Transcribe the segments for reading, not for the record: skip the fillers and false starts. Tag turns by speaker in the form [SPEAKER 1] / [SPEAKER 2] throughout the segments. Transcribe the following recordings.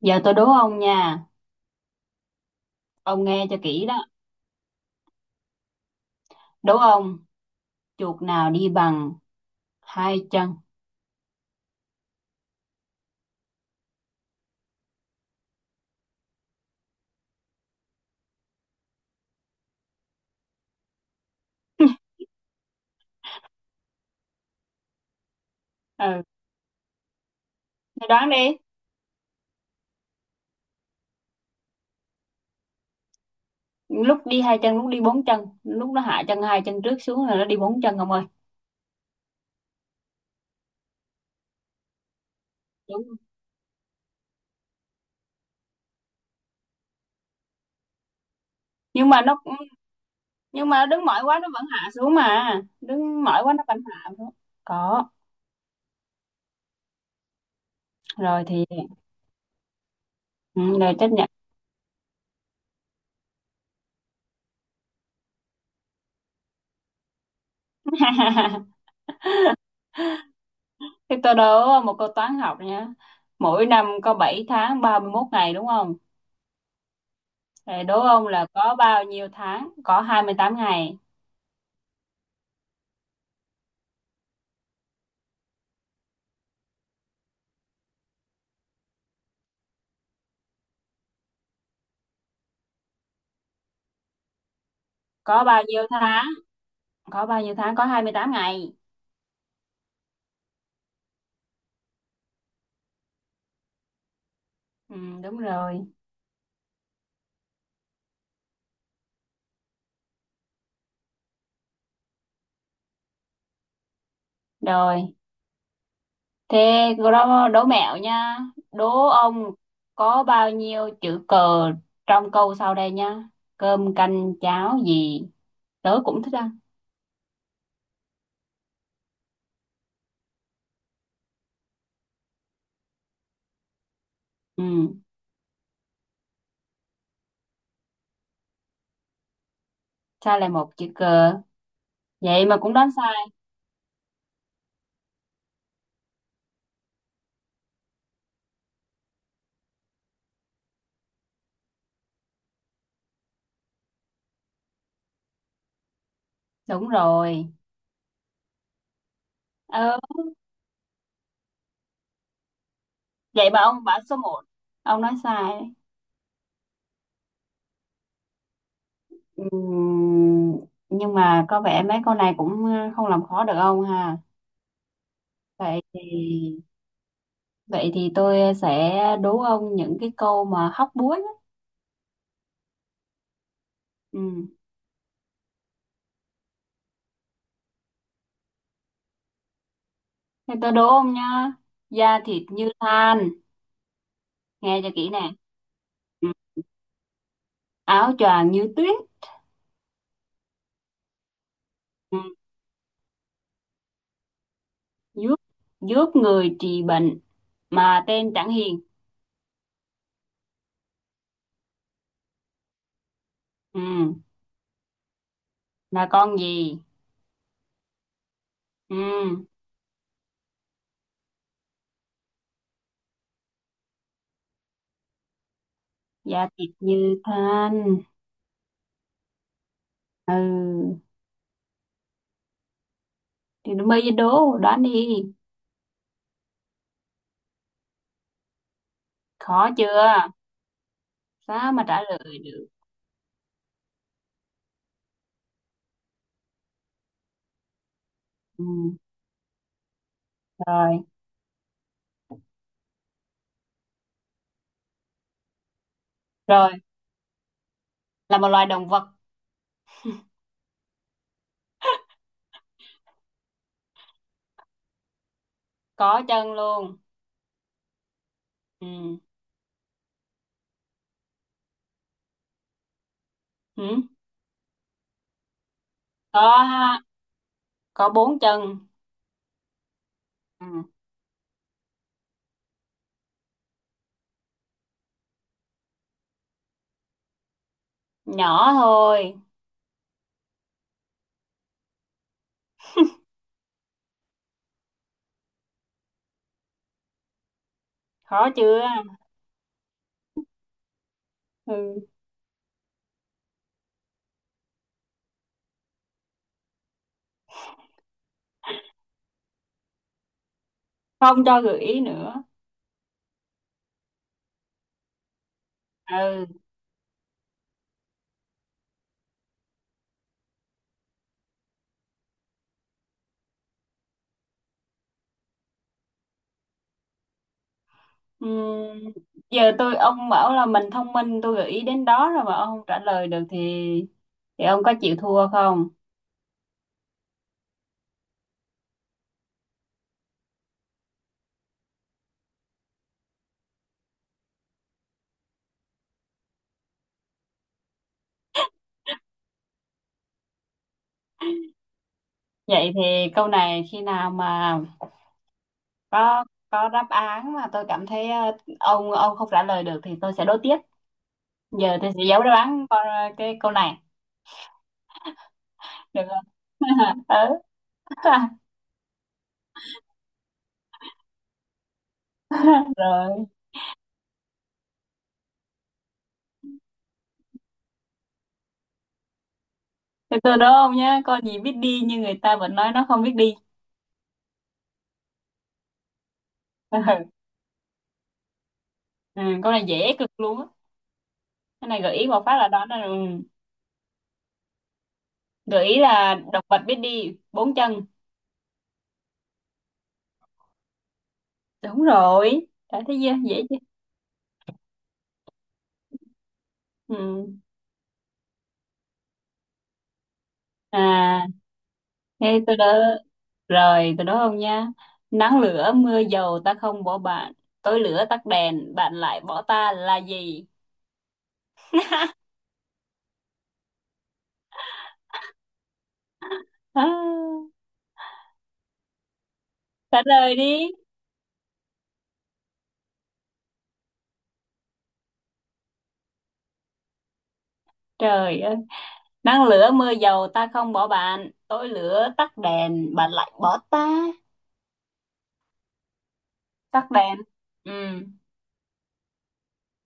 [SPEAKER 1] Giờ tôi đố ông nha, ông nghe cho kỹ đó. Đố ông, chuột nào đi bằng hai chân? Ừ, mày đoán đi. Lúc đi hai chân, lúc đi bốn chân, lúc nó hạ chân hai chân trước xuống rồi nó đi bốn chân ông ơi. Đúng. Nhưng mà nó nhưng mà đứng mỏi quá nó vẫn hạ xuống mà. Đứng mỏi quá nó vẫn hạ xuống. Có, rồi thì ừ, rồi chấp nhận. Thế tôi đố một câu toán học nha. Mỗi năm có 7 tháng 31 ngày đúng không? Rồi đố ông là có bao nhiêu tháng? Có 28 ngày. có bao nhiêu tháng có bao nhiêu tháng có 28 ngày. Ừ, đúng rồi. Rồi thế đố, đố mẹo nha. Đố ông có bao nhiêu chữ cờ trong câu sau đây nha: cơm canh cháo gì tớ cũng thích ăn. Ừ, sai là một chữ cờ, vậy mà cũng đoán sai. Đúng rồi. ờ, Vậy mà ông bảo số một, ông nói sai đấy. Ừ, nhưng mà có vẻ mấy câu này cũng không làm khó được ông ha. Vậy thì Vậy thì tôi sẽ đố ông những cái câu mà hóc búa nhé. Ừ. Thì tôi đố ông nha. Da thịt như than, nghe cho kỹ nè. Ừ. Áo choàng như tuyết, ừ. giúp giúp người trị bệnh mà tên chẳng hiền. Ừ. Là con gì? Ừ. Da thịt như than. Ừ. Thì bây giờ đố, đoán đi. Khó chưa? Sao mà trả lời được? Ừ. Rồi, rồi. Là một loài động vật có chân luôn. Ừ. Ừ. có có bốn chân. Ừ. Nhỏ thôi. Khó chưa? Ừ. Không cho gợi ý nữa. Ừ. Ừ. Giờ tôi ông bảo là mình thông minh, tôi gợi ý đến đó rồi mà ông không trả lời được thì ông có chịu thua không? Vậy thì câu này khi nào mà có có đáp án mà tôi cảm thấy ông không trả lời được thì tôi sẽ đố tiếp. Giờ tôi sẽ giấu đáp án con cái câu này, được không? Ừ. Rồi. Từ từ đúng không nhá, con gì biết đi nhưng người ta vẫn nói nó không biết đi. Ừ, ừ, con này dễ cực luôn á. Cái này gợi ý một phát là đoán ra rồi. Ừ. Gợi ý là động vật biết đi, bốn chân. Đúng rồi. Đã thấy chưa? Dễ chưa? Ừ. À, thế tôi đó rồi, tôi đó không nha. Nắng lửa mưa dầu ta không bỏ bạn, tối lửa tắt đèn, bạn lại bỏ ta là gì? À, trả lời đi. Trời ơi. Nắng lửa mưa dầu ta không bỏ bạn, tối lửa tắt đèn bạn lại bỏ ta. Tắt đèn. Ừ,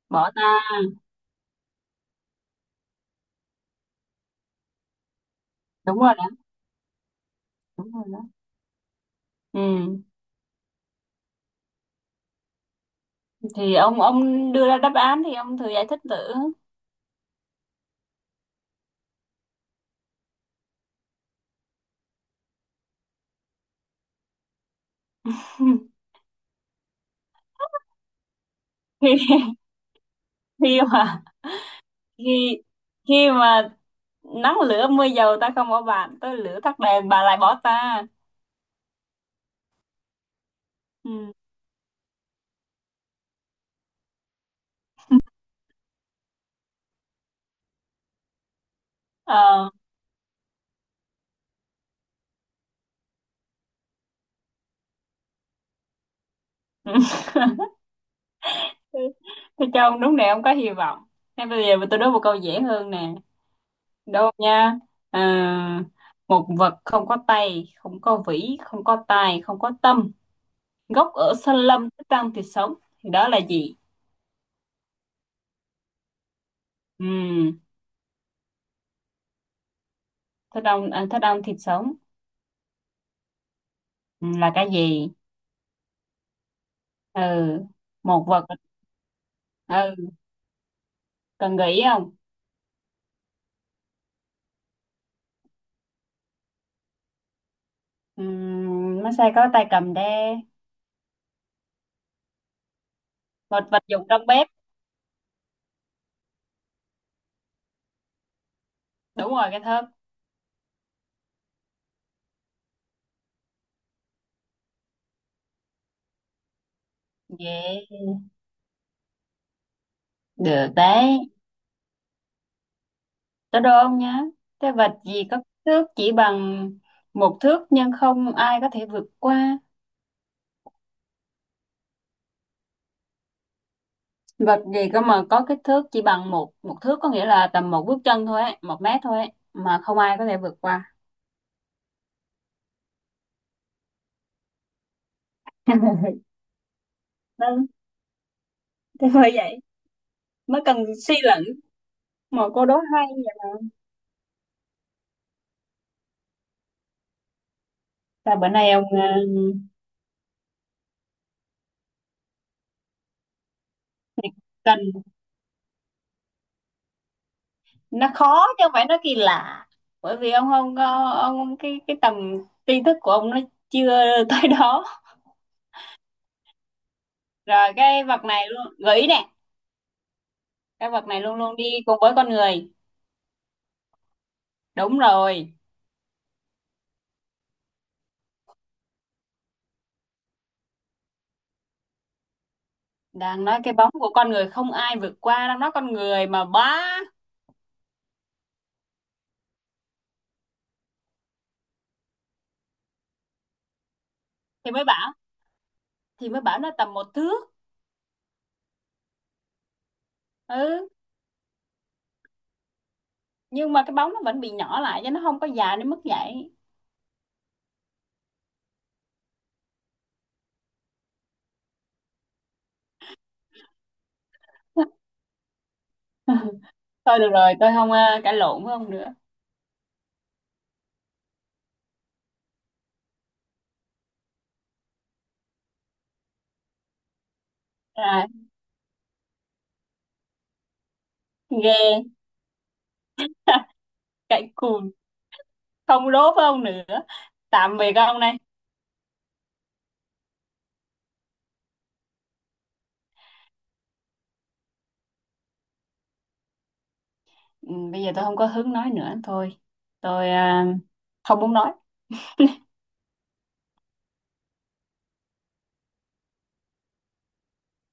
[SPEAKER 1] bỏ ta. Đúng rồi đó, đúng rồi đó. Ừ, thì ông đưa ra đáp án thì ông thử giải thích thử. Khi khi mà khi khi mà nắng lửa mưa dầu ta không bỏ bạn, tối lửa tắt đèn bà lại bỏ ta. Ừ. Ờ. Thế cho ông đúng này, ông có hy vọng. Thế bây giờ tôi đố một câu dễ hơn nè. Đâu nha. À, một vật không có tay, không có vĩ, không có tài, không có tâm. Gốc ở sân lâm, thích ăn thịt sống. Thì đó là gì? Ừ, thích ăn thịt sống. Ừ, là cái gì? Ừ, một vật. Ừ, cần nghĩ không? Ừ, massage có tay cầm đe. Một vật dụng trong bếp. Đúng rồi, cái thớt. Yeah. Được đấy. Tới đố ông nhá. Cái vật gì có kích thước chỉ bằng 1 thước nhưng không ai có thể vượt qua? Vật gì cơ mà có kích thước chỉ bằng một một thước, có nghĩa là tầm một bước chân thôi ấy, 1 mét thôi ấy, mà không ai có thể vượt qua. Vâng, thế bởi vậy mới cần suy luận mà, cô đố hay nhỉ. Là bữa nay ông cần nó khó chứ không phải nó kỳ lạ. Bởi vì ông không có ông cái tầm tri thức của ông nó chưa tới đó. Rồi cái vật này luôn gợi ý nè, cái vật này luôn luôn đi cùng với con người. Đúng rồi, đang nói cái bóng của con người không ai vượt qua, đang nói con người mà bá. Thì mới bảo thì mới bảo nó tầm 1 thước. Ừ, nhưng mà cái bóng nó vẫn bị nhỏ lại cho nó không có dài đến mức vậy. Thôi được rồi, tôi không cãi lộn với ông nữa. À, ghê. Cãi cùn. Không đố với ông nữa, tạm biệt ông này. Ừ, bây giờ tôi không có hứng nói nữa thôi, tôi không muốn nói.